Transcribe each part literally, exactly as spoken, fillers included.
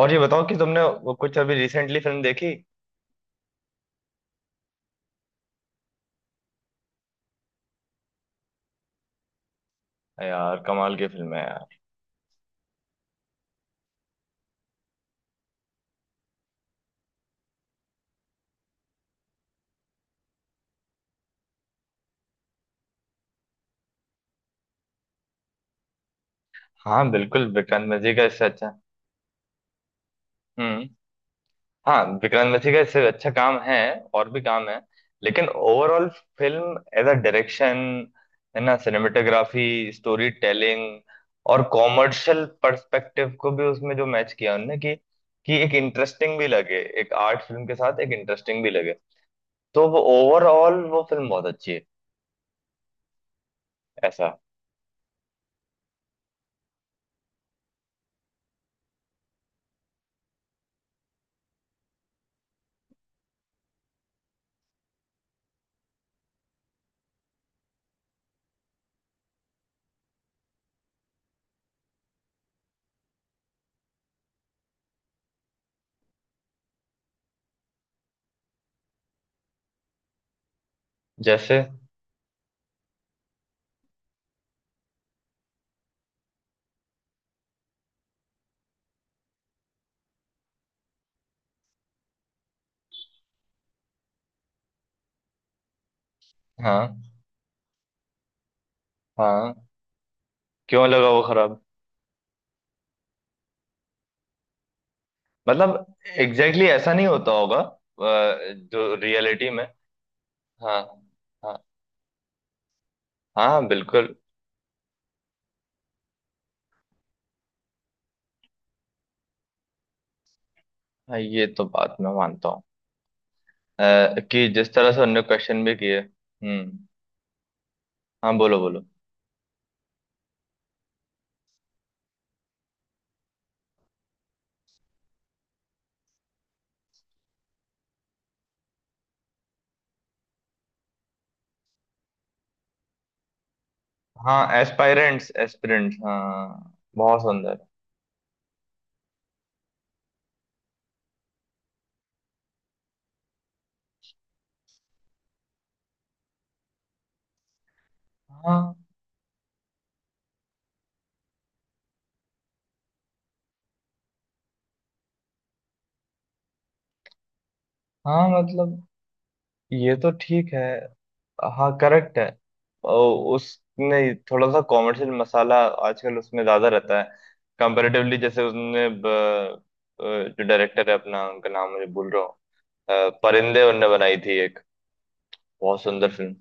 और ये बताओ कि तुमने वो कुछ अभी रिसेंटली फिल्म देखी। यार कमाल की फिल्म है यार। हाँ बिल्कुल विक्रांत मैसी का इससे अच्छा। हम्म। हाँ विक्रांत मैसी का इससे अच्छा काम है। और भी काम है। लेकिन overall film as a direction, है ना, सिनेमेटोग्राफी, स्टोरी टेलिंग और कॉमर्शियल पर्सपेक्टिव को भी उसमें जो मैच किया उन्होंने, कि कि एक इंटरेस्टिंग भी लगे, एक आर्ट फिल्म के साथ एक इंटरेस्टिंग भी लगे। तो वो ओवरऑल वो फिल्म बहुत अच्छी है। ऐसा। जैसे। हाँ। हाँ। क्यों लगा वो खराब? मतलब एग्जैक्टली exactly ऐसा नहीं होता होगा अ, जो रियलिटी में। हाँ। हाँ। हाँ बिल्कुल। हाँ ये तो बात मैं मानता हूँ अ, कि जिस तरह से उनने क्वेश्चन भी किए। हम्म। हाँ बोलो बोलो। हाँ एस्पायरेंट्स एस्पिरेंट्स हाँ बहुत सुंदर। हाँ। हाँ मतलब ये तो ठीक है। हाँ करेक्ट है। और उसने थोड़ा सा कॉमर्शियल मसाला आजकल उसमें ज्यादा रहता है। कंपैरेटिवली जैसे उसने ब, अ, जो डायरेक्टर है अपना उनका नाम मुझे भूल रहा हूँ। अ, परिंदे उनने बनाई थी एक बहुत सुंदर फिल्म।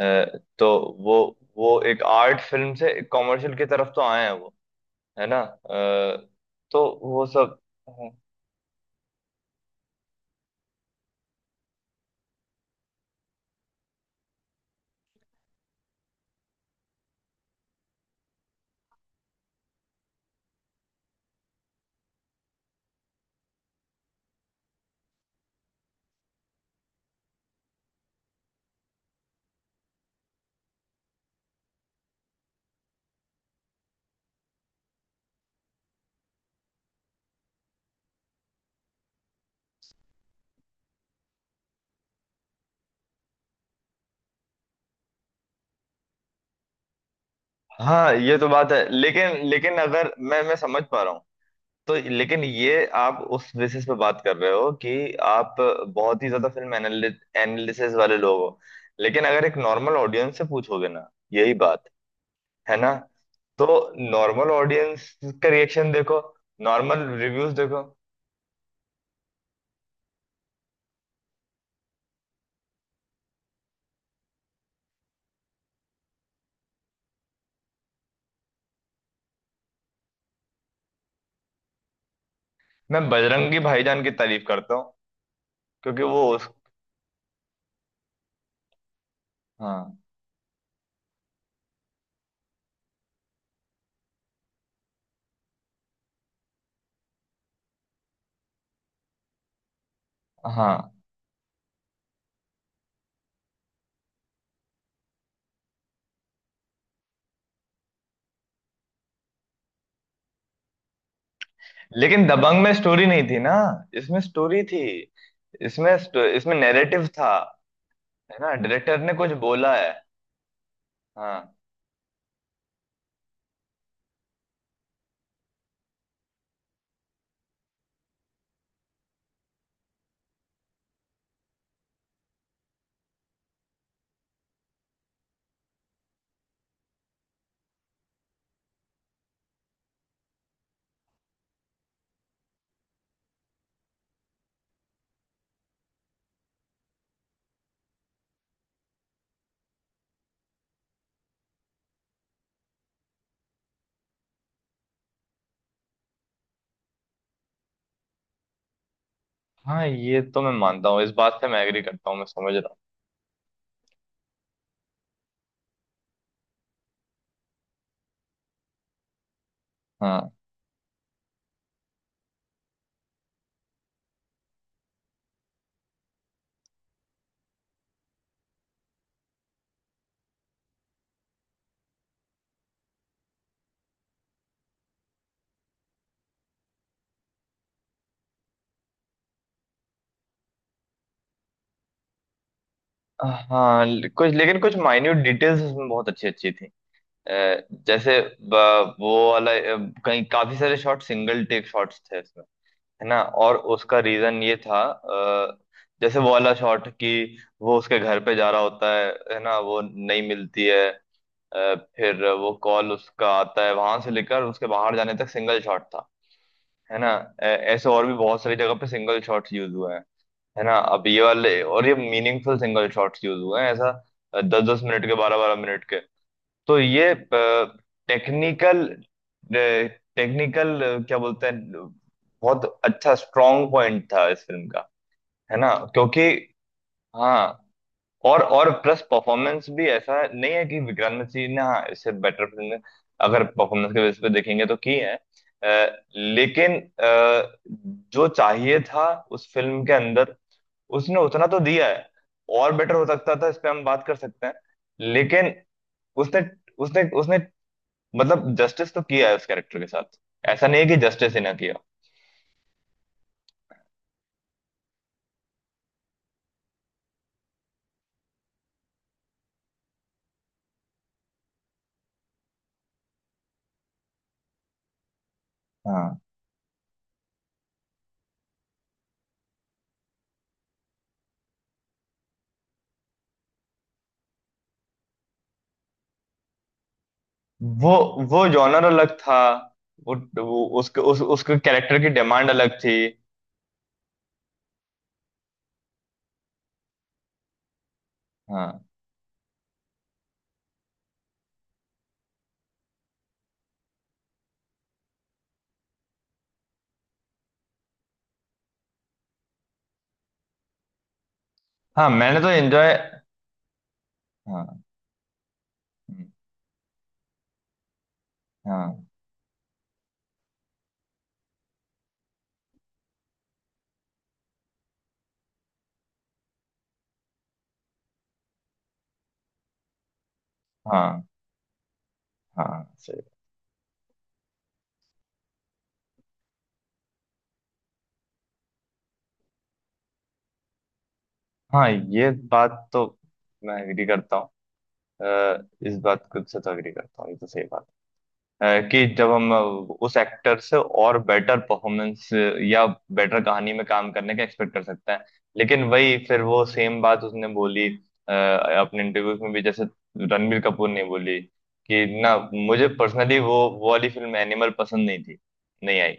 अ, तो वो वो एक आर्ट फिल्म से कॉमर्शियल की तरफ तो आए हैं वो। है ना अ, तो वो सब। हाँ ये तो बात है लेकिन लेकिन अगर मैं मैं समझ पा रहा हूँ। तो लेकिन ये आप उस बेसिस पे बात कर रहे हो कि आप बहुत ही ज्यादा फिल्म एनालिसिस वाले लोग हो। लेकिन अगर एक नॉर्मल ऑडियंस से पूछोगे ना यही बात, है ना, तो नॉर्मल ऑडियंस का रिएक्शन देखो। नॉर्मल रिव्यूज देखो। मैं बजरंगी भाईजान की तारीफ करता हूँ, क्योंकि हाँ वो उस। हाँ। हाँ लेकिन दबंग में स्टोरी नहीं थी ना। इसमें स्टोरी थी। इसमें इसमें नैरेटिव था। है ना डायरेक्टर ने कुछ बोला है। हाँ। हाँ ये तो मैं मानता हूँ, इस बात से मैं एग्री करता हूँ, मैं समझ रहा हूँ। हाँ। हाँ ले- कुछ लेकिन कुछ माइन्यूट डिटेल्स इसमें बहुत अच्छी अच्छी थी। अ, जैसे ब- वो वाला अ, कहीं काफी सारे शॉट सिंगल टेक शॉट्स थे इसमें। है ना और उसका रीजन ये था, अ, जैसे वो वाला शॉट कि वो उसके घर पे जा रहा होता है है ना वो नहीं मिलती है, अ, फिर वो कॉल उसका आता है, वहां से लेकर उसके बाहर जाने तक सिंगल शॉट था। है ना अ, ऐसे और भी बहुत सारी जगह पे सिंगल शॉट्स यूज हुए हैं। है ना अब ये वाले और ये मीनिंगफुल सिंगल शॉट्स यूज हुए हैं ऐसा, दस दस मिनट के, बारह बारह मिनट के। तो ये टेक्निकल, टेक्निकल क्या बोलते हैं, बहुत अच्छा स्ट्रॉन्ग पॉइंट था इस फिल्म का। है ना क्योंकि। हाँ और और प्लस परफॉर्मेंस भी ऐसा नहीं है कि विक्रांत मैसी ने, हाँ, इससे बेटर फिल्म अगर परफॉर्मेंस के बेस पे देखेंगे तो की है, अ, लेकिन अ, जो चाहिए था उस फिल्म के अंदर उसने उतना तो दिया है। और बेटर हो सकता था, इस पे हम बात कर सकते हैं, लेकिन उसने उसने उसने मतलब जस्टिस तो किया है उस कैरेक्टर के साथ। ऐसा नहीं है कि जस्टिस ही ना किया। हाँ वो वो जॉनर अलग था, वो, वो उसके उस, उसके कैरेक्टर की डिमांड अलग थी। हाँ। हाँ मैंने तो एंजॉय। हाँ। हाँ। हाँ। हाँ सही। हाँ ये बात तो मैं एग्री करता हूँ, अ, इस बात को से तो एग्री करता हूँ, ये तो सही बात है। अ, कि जब हम उस एक्टर से और बेटर परफॉर्मेंस या बेटर कहानी में काम करने का एक्सपेक्ट कर सकते हैं, लेकिन वही फिर वो सेम बात उसने बोली अ, अपने इंटरव्यूज में भी, जैसे रणबीर कपूर ने बोली कि ना मुझे पर्सनली वो वो वाली फिल्म एनिमल पसंद नहीं थी, नहीं आई,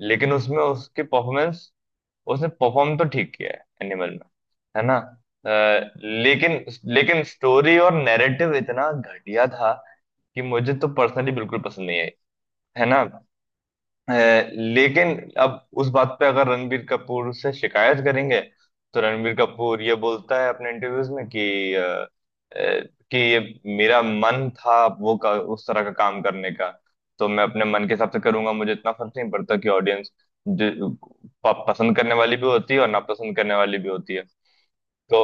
लेकिन उसमें उसकी परफॉर्मेंस, उसने परफॉर्म तो ठीक किया है एनिमल में, है ना, अ, लेकिन लेकिन स्टोरी और नैरेटिव इतना घटिया था कि मुझे तो पर्सनली बिल्कुल पसंद नहीं आई। है ना अ, लेकिन अब उस बात पे अगर रणबीर कपूर से शिकायत करेंगे तो रणबीर कपूर ये बोलता है अपने इंटरव्यूज में कि अ, अ, कि ये मेरा मन था वो का, उस तरह का काम करने का, तो मैं अपने मन के हिसाब से करूंगा, मुझे इतना फर्क नहीं पड़ता कि ऑडियंस जो प- पसंद करने वाली भी होती है और नापसंद करने वाली भी होती है। तो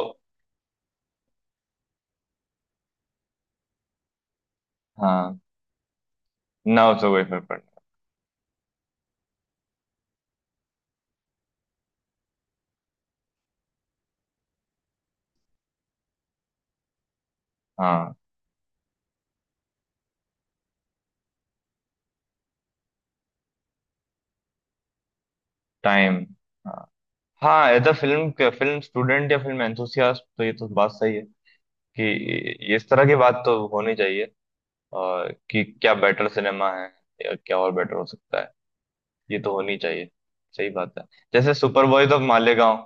हाँ। ना उसे कोई फर्क पड़ता। हाँ टाइम। हाँ। हाँ as a film, film student या फिल्म एंथुसियास्ट तो ये तो बात सही है कि ये- इस तरह की बात तो होनी चाहिए। और कि क्या बेटर सिनेमा है या क्या और बेटर हो सकता है, ये तो होनी चाहिए। सही बात है। जैसे सुपर बॉयज ऑफ मालेगांव,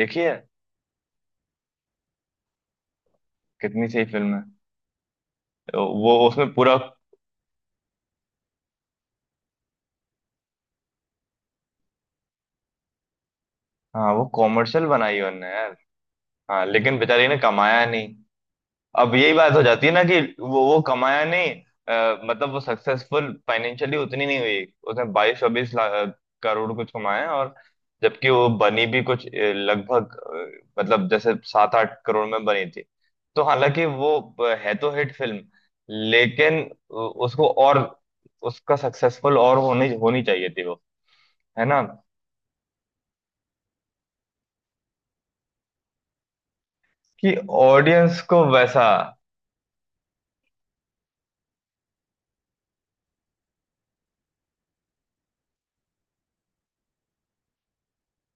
देखिए कितनी सही फिल्म है, वो उसमें पूरा। हाँ वो कॉमर्शियल बनाई है उनने यार। हाँ लेकिन बेचारे ने कमाया नहीं। अब यही बात हो जाती है ना कि वो वो कमाया नहीं। अ, मतलब वो सक्सेसफुल फाइनेंशियली उतनी नहीं हुई। उसने बाईस चौबीस करोड़ कुछ कमाया, और जबकि वो बनी भी कुछ अ, लगभग अ, मतलब जैसे सात आठ करोड़ में बनी थी। तो हालांकि वो अ, है तो हिट फिल्म, लेकिन उ- उसको और उसका सक्सेसफुल और होनी होनी चाहिए थी वो, है ना। कि ऑडियंस को वैसा।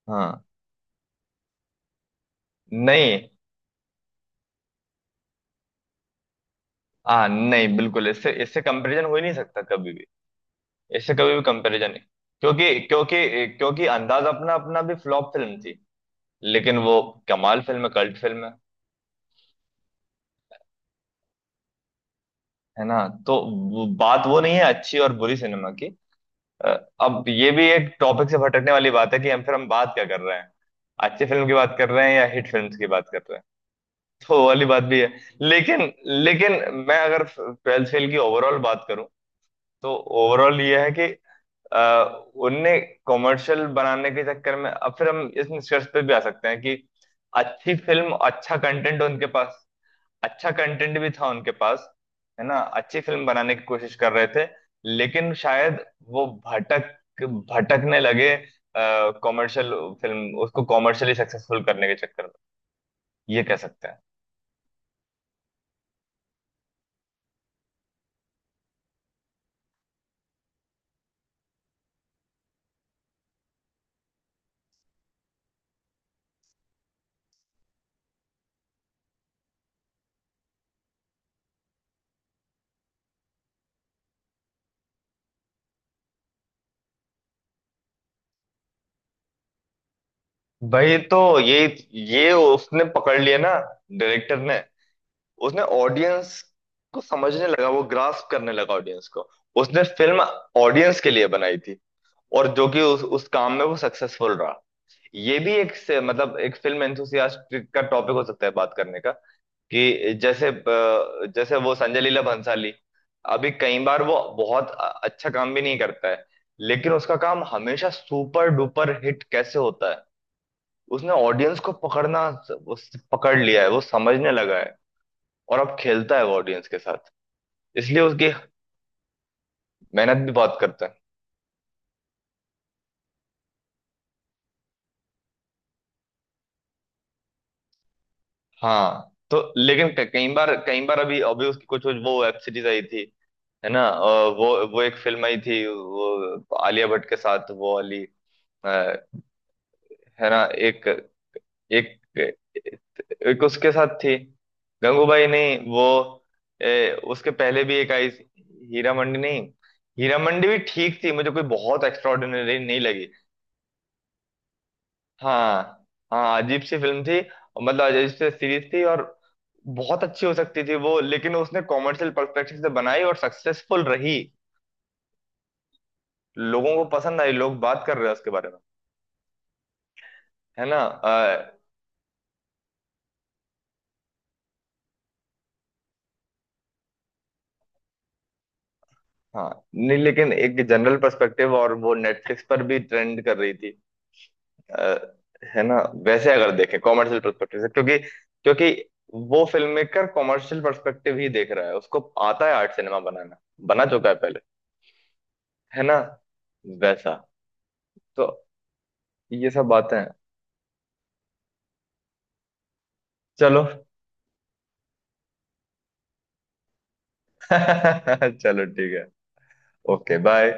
हाँ नहीं। हाँ नहीं बिल्कुल, इससे इससे कंपैरिजन हो ही नहीं सकता कभी भी। इससे कभी भी कंपैरिजन नहीं। क्योंकि क्योंकि क्योंकि अंदाज अपना अपना भी फ्लॉप फिल्म थी, लेकिन वो कमाल फिल्म है, कल्ट फिल्म है है ना। तो वो- बात वो नहीं है अच्छी और बुरी सिनेमा की। अ, अब ये भी एक टॉपिक से भटकने वाली बात है कि हम फिर हम बात क्या कर रहे हैं, अच्छी फिल्म की बात कर रहे हैं या हिट फिल्म की बात कर रहे हैं। तो वो वाली बात भी है। लेकिन लेकिन मैं अगर ट्वेल्थ फेल की ओवरऑल बात करूं, तो ओवरऑल ये है कि अ, उनने कॉमर्शियल बनाने के चक्कर में, अब फिर हम इस निष्कर्ष पे भी आ सकते हैं कि अच्छी फिल्म, अच्छा कंटेंट उनके पास, अच्छा कंटेंट भी था उनके पास, है ना, अच्छी फिल्म बनाने की कोशिश कर रहे थे, लेकिन शायद वो भटक भटकने लगे कॉमर्शियल फिल्म उसको कॉमर्शियली सक्सेसफुल करने के चक्कर में, ये कह सकते हैं। भाई तो ये ये उसने पकड़ लिया ना, डायरेक्टर ने, उसने ऑडियंस को समझने लगा, वो ग्रास्प करने लगा ऑडियंस को, उसने फिल्म ऑडियंस के लिए बनाई थी। और जो कि उस उस काम में वो सक्सेसफुल रहा। ये भी एक से मतलब एक फिल्म एंथुसियास्ट का टॉपिक हो सकता है बात करने का कि जैसे अ, जैसे वो संजय लीला भंसाली, अभी कई बार वो बहुत अ- अच्छा काम भी नहीं करता है, लेकिन उसका काम हमेशा सुपर डुपर हिट कैसे होता है। उसने ऑडियंस को पकड़ना उस पकड़ लिया है, वो समझने लगा है, और अब खेलता है वो ऑडियंस के साथ। इसलिए उसकी मेहनत भी बहुत करता है। हाँ तो लेकिन क- कई बार कई बार अभी अभी उसकी कुछ कुछ वो वेब सीरीज आई थी, है ना, अ, वो वो एक फिल्म आई थी वो आलिया भट्ट के साथ वो वाली। अ, है ना एक, एक एक उसके साथ थी। गंगूबाई नहीं वो, ए, उसके पहले भी एक आई थी। हीरा मंडी नहीं, हीरा मंडी भी ठीक थी, मुझे कोई बहुत एक्स्ट्राऑर्डिनरी नहीं लगी। हाँ। हाँ अजीब सी फिल्म थी, मतलब अजीब सी सीरीज थी, और बहुत अच्छी हो सकती थी वो, लेकिन उसने कॉमर्शियल पर्सपेक्टिव से बनाई और सक्सेसफुल रही। लोगों को पसंद आई, लोग बात कर रहे हैं उसके बारे में, है ना अ, हाँ नहीं लेकिन एक जनरल पर्सपेक्टिव, और वो नेटफ्लिक्स पर भी ट्रेंड कर रही थी अ, है ना। वैसे अगर देखें कॉमर्शियल पर्सपेक्टिव से, क्योंकि क्योंकि वो फिल्म मेकर कॉमर्शियल पर्सपेक्टिव ही देख रहा है, उसको आता है आर्ट सिनेमा बनाना, बना चुका है पहले, है ना वैसा। तो ये सब बातें हैं। चलो चलो ठीक है। Okay bye.